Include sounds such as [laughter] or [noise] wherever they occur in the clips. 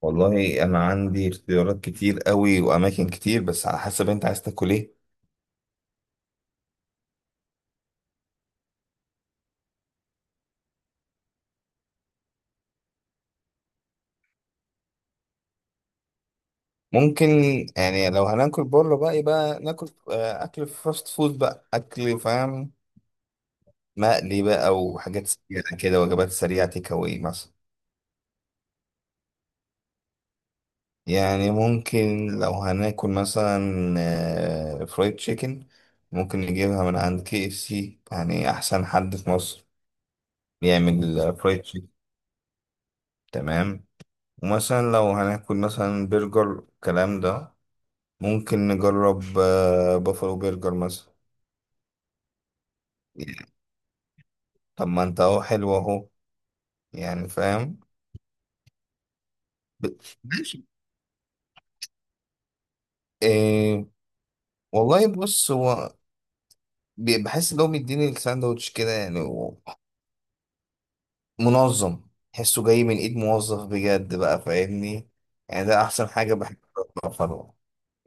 والله انا عندي اختيارات كتير قوي واماكن كتير، بس على حسب انت عايز تاكل ايه؟ ممكن يعني لو هناكل بره بقى يبقى ناكل اكل فاست فود بقى، اكل فاهم، مقلي بقى وحاجات سريعه كده، وجبات سريعه تيك اواي مثلا. يعني ممكن لو هناكل مثلا فرايد تشيكن، ممكن نجيبها من عند كي اف سي، يعني احسن حد في مصر بيعمل فرايد تشيكن. تمام. ومثلا لو هناكل مثلا برجر الكلام ده، ممكن نجرب بافالو برجر مثلا. طب ما انت اهو حلو اهو، يعني فاهم. ب- ماشي. إيه. والله بص هو بحس ان هو بيديني الساندوتش كده، يعني منظم، تحسه جاي من ايد موظف بجد، بقى فاهمني؟ يعني ده احسن حاجة بحب. بافالو،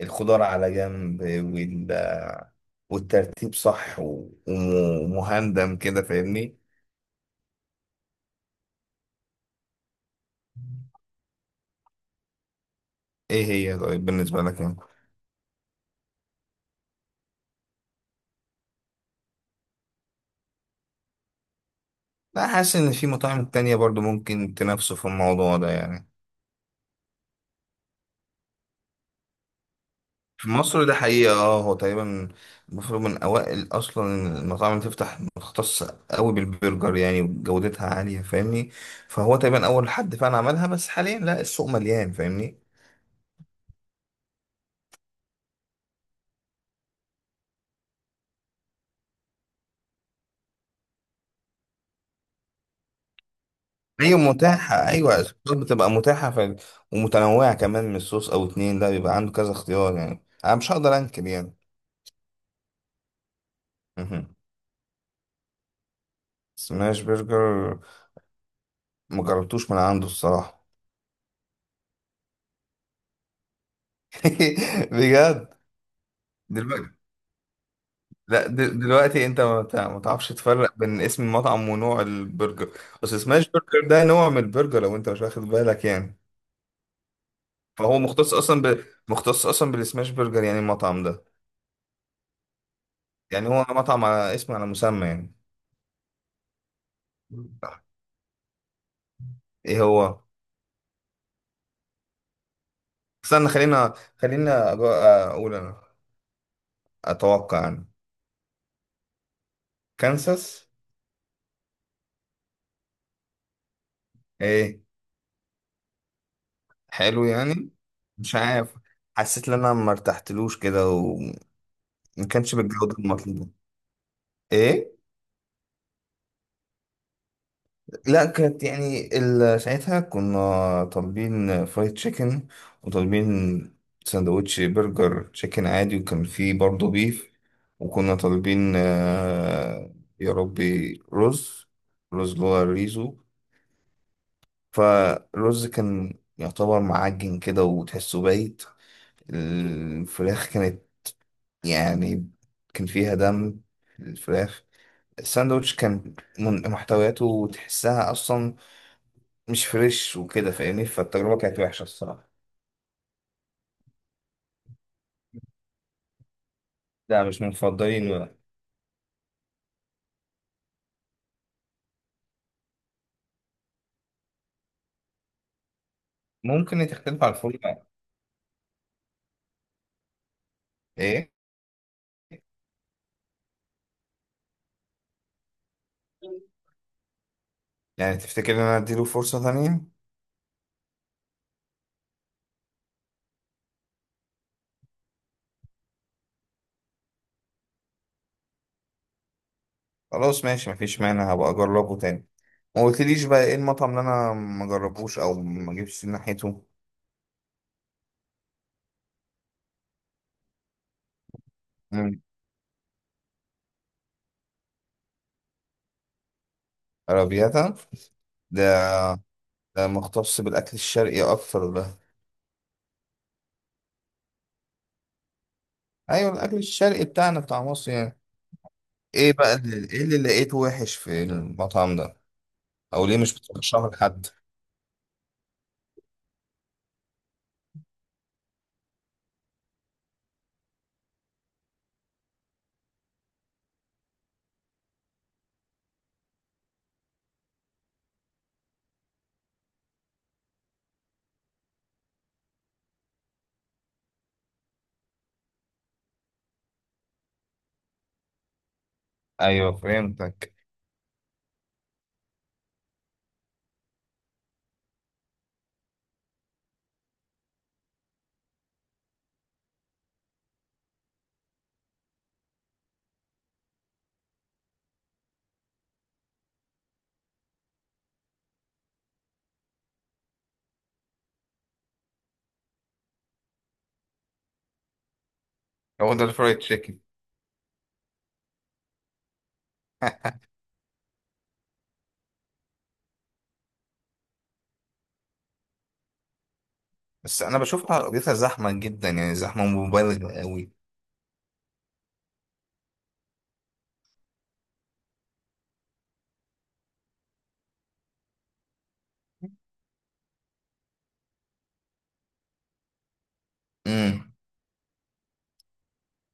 الخضار على جنب والترتيب صح ومهندم كده، فاهمني؟ ايه هي طيب بالنسبة لك انت؟ لا، حاسس ان في مطاعم تانية برضو ممكن تنافسه في الموضوع ده يعني. في مصر ده حقيقة، اه، هو تقريبا المفروض من اوائل اصلا المطاعم اللي تفتح مختصة قوي بالبرجر، يعني وجودتها عالية، فاهمني؟ فهو تقريبا اول حد فعلا عملها، بس حاليا لا، السوق مليان، فاهمني؟ هي متاحة، ايوه الصوصات بتبقى متاحة، ف... ومتنوعة كمان، من صوص او اتنين لا، بيبقى عنده كذا اختيار، يعني انا مش هقدر انكر يعني. مهم. سماش برجر مجربتوش من عنده الصراحة. [laughs] بجد. دلوقتي لا، دلوقتي انت ما تعرفش تفرق بين اسم المطعم ونوع البرجر. بس سماش برجر ده نوع من البرجر لو انت مش واخد بالك يعني. فهو مختص اصلا، ب... مختص اصلا بالسماش برجر، يعني المطعم ده، يعني هو مطعم على اسم، على مسمى يعني. ايه هو؟ استنى، خلينا اقول انا، اتوقع انا كانساس. ايه؟ حلو يعني؟ مش عارف، حسيت ان انا ما ارتحتلوش كده، وما كانش بالجودة المطلوبة. ايه؟ لا كانت يعني، ال- ساعتها كنا طالبين فرايد تشيكن، وطالبين سندوتش برجر تشيكن عادي، وكان فيه برضه بيف، وكنا طالبين يا ربي، رز، رز اللي هو الريزو. فالرز كان يعتبر معجن كده، وتحسه بايت. الفراخ كانت يعني كان فيها دم، الفراخ. الساندوتش كان محتوياته تحسها أصلا مش فريش وكده، فاهمني؟ فالتجربة كانت وحشة الصراحة. لا مش من مفضلين ولا. ممكن تختلف على الفول بقى. ايه. يعني تفتكر ان انا اديله فرصة تانية؟ خلاص ماشي، مفيش مانع، هبقى اجربه تاني. ما قلتليش بقى ايه المطعم اللي انا ما جربوش او ما جبتش ناحيته؟ مم. عربياتا ده؟ ده مختص بالاكل الشرقي اكتر ده؟ ايوه الاكل الشرقي بتاعنا، بتاع مصر يعني. ايه بقى اللي، ايه اللي لقيته وحش في المطعم ده؟ او ليه مش بترشحه لحد؟ ايوه فهمتك. هو ده الفرايد تشيكن؟ [laughs] بس انا بشوفها قضيتها زحمه جدا يعني، زحمه مبالغ قوي. امم.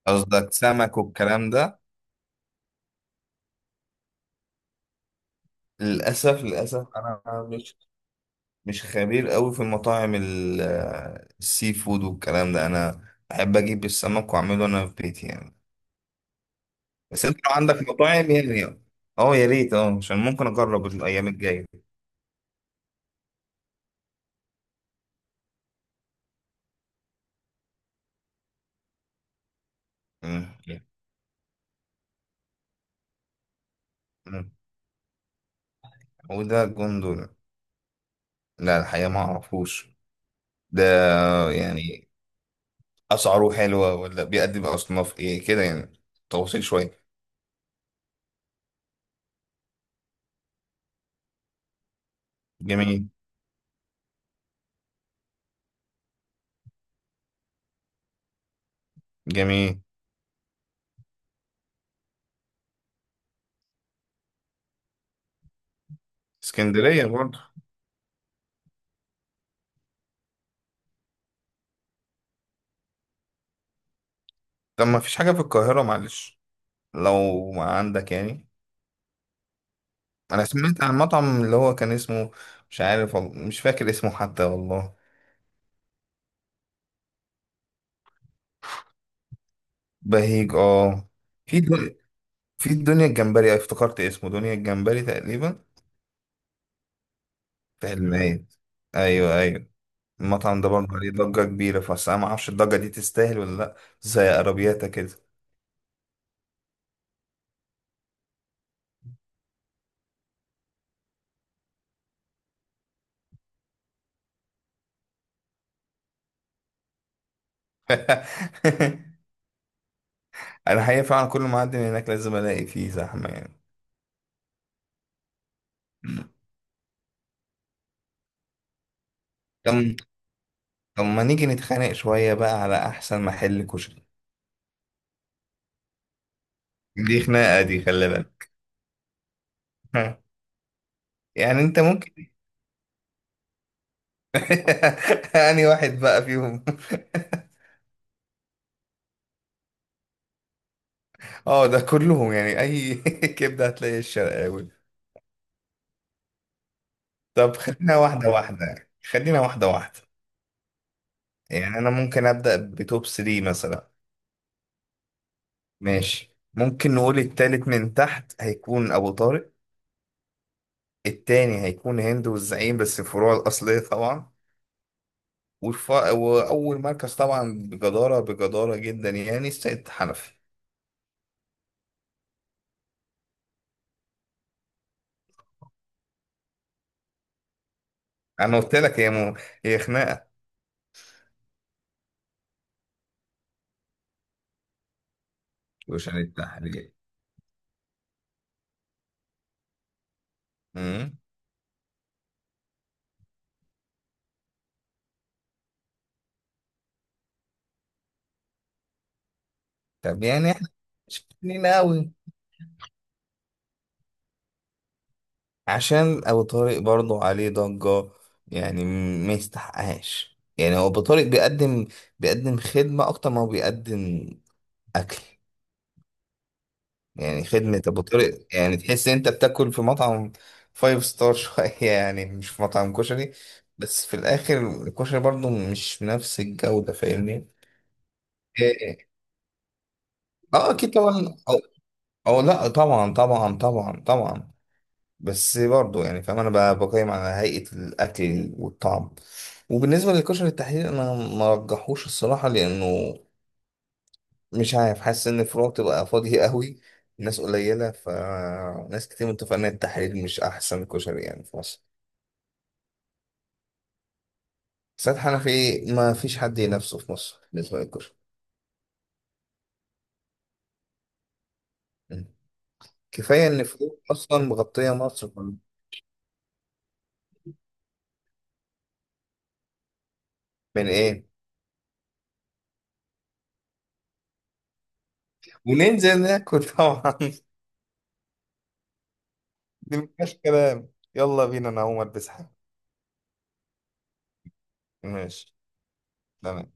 قصدك سمك والكلام ده؟ للاسف، للاسف انا مش، مش خبير قوي في المطاعم السي فود والكلام ده. انا بحب اجيب السمك واعمله انا في بيتي يعني. بس انت لو عندك مطاعم يعني، اه يا ريت، اه، عشان ممكن اجرب الايام الجايه. امم. امم. وده جندل؟ لا الحقيقه ما اعرفوش. ده يعني أسعاره حلوة، ولا بيقدم أصناف إيه كده يعني؟ تفاصيل شوية. جميل. جميل. اسكندرية برضه؟ طب ما فيش حاجة في القاهرة معلش، لو ما عندك يعني؟ أنا سمعت عن مطعم اللي هو كان اسمه، مش عارف مش فاكر اسمه حتى والله. بهيج، اه. في دنيا، في الدنيا الجمبري، افتكرت اسمه دنيا الجمبري تقريبا. في المايد. أيوه أيوه. المطعم ده برضه عليه ضجة كبيرة، بس أنا معرفش الضجة دي تستاهل ولا لأ، زي عربياتها كده. [laughs] انا حقيقة فعلا كل ما اعدي من هناك لازم الاقي فيه زحمة يعني. طب، طب ما نيجي نتخانق شوية بقى على احسن محل كشري. دي خناقة، دي خلي بالك. [laughs] يعني انت ممكن [laughs] يعني واحد بقى فيهم. [laughs] اه ده كلهم يعني اي [laughs] كبدة هتلاقي الشرقاوي. طب خلينا واحدة واحدة يعني. خلينا واحدة واحدة. يعني انا ممكن ابدأ بتوب 3 مثلا. ماشي، ممكن نقول التالت من تحت هيكون ابو طارق، التاني هيكون هند والزعيم، بس الفروع الأصلية طبعا. وأول مركز طبعا بجدارة، بجدارة جدا يعني، السيد حنفي. أنا قلت لك هي، م... هي خناقة. وشان التحرير. أمم. طب يعني إحنا مش فاهمين أوي. عشان أبو طارق برضه عليه ضجة يعني، ما يستحقهاش يعني. هو أبو طارق بيقدم، بيقدم خدمة أكتر ما هو بيقدم أكل. يعني خدمة أبو طارق يعني تحس إن أنت بتاكل في مطعم فايف ستار شوية [laughs] يعني مش في مطعم كشري. بس في الآخر الكشري برضو مش بنفس الجودة، فاهمني؟ إيه. اه اكيد طبعا، او او لا طبعا طبعا طبعا طبعا. بس برضو يعني فاهم، انا بقيم على هيئة الاكل والطعم. وبالنسبة للكشري التحرير انا ما رجحوش الصراحة، لانه مش عارف، حاسس ان الفروع تبقى فاضية قوي، ناس قليلة، فناس كتير متفقة ان التحرير مش احسن كشري يعني في مصر. سيد حنفي، ما فيش حد ينافسه في مصر بالنسبة للكشري. م. كفاية ان فروع اصلا مغطية مصر كلها. من ايه؟ وننزل ناكل طبعا. [laughs] دي مفيهاش كلام، يلا بينا، انا هقوم البس حاجة. ماشي. تمام.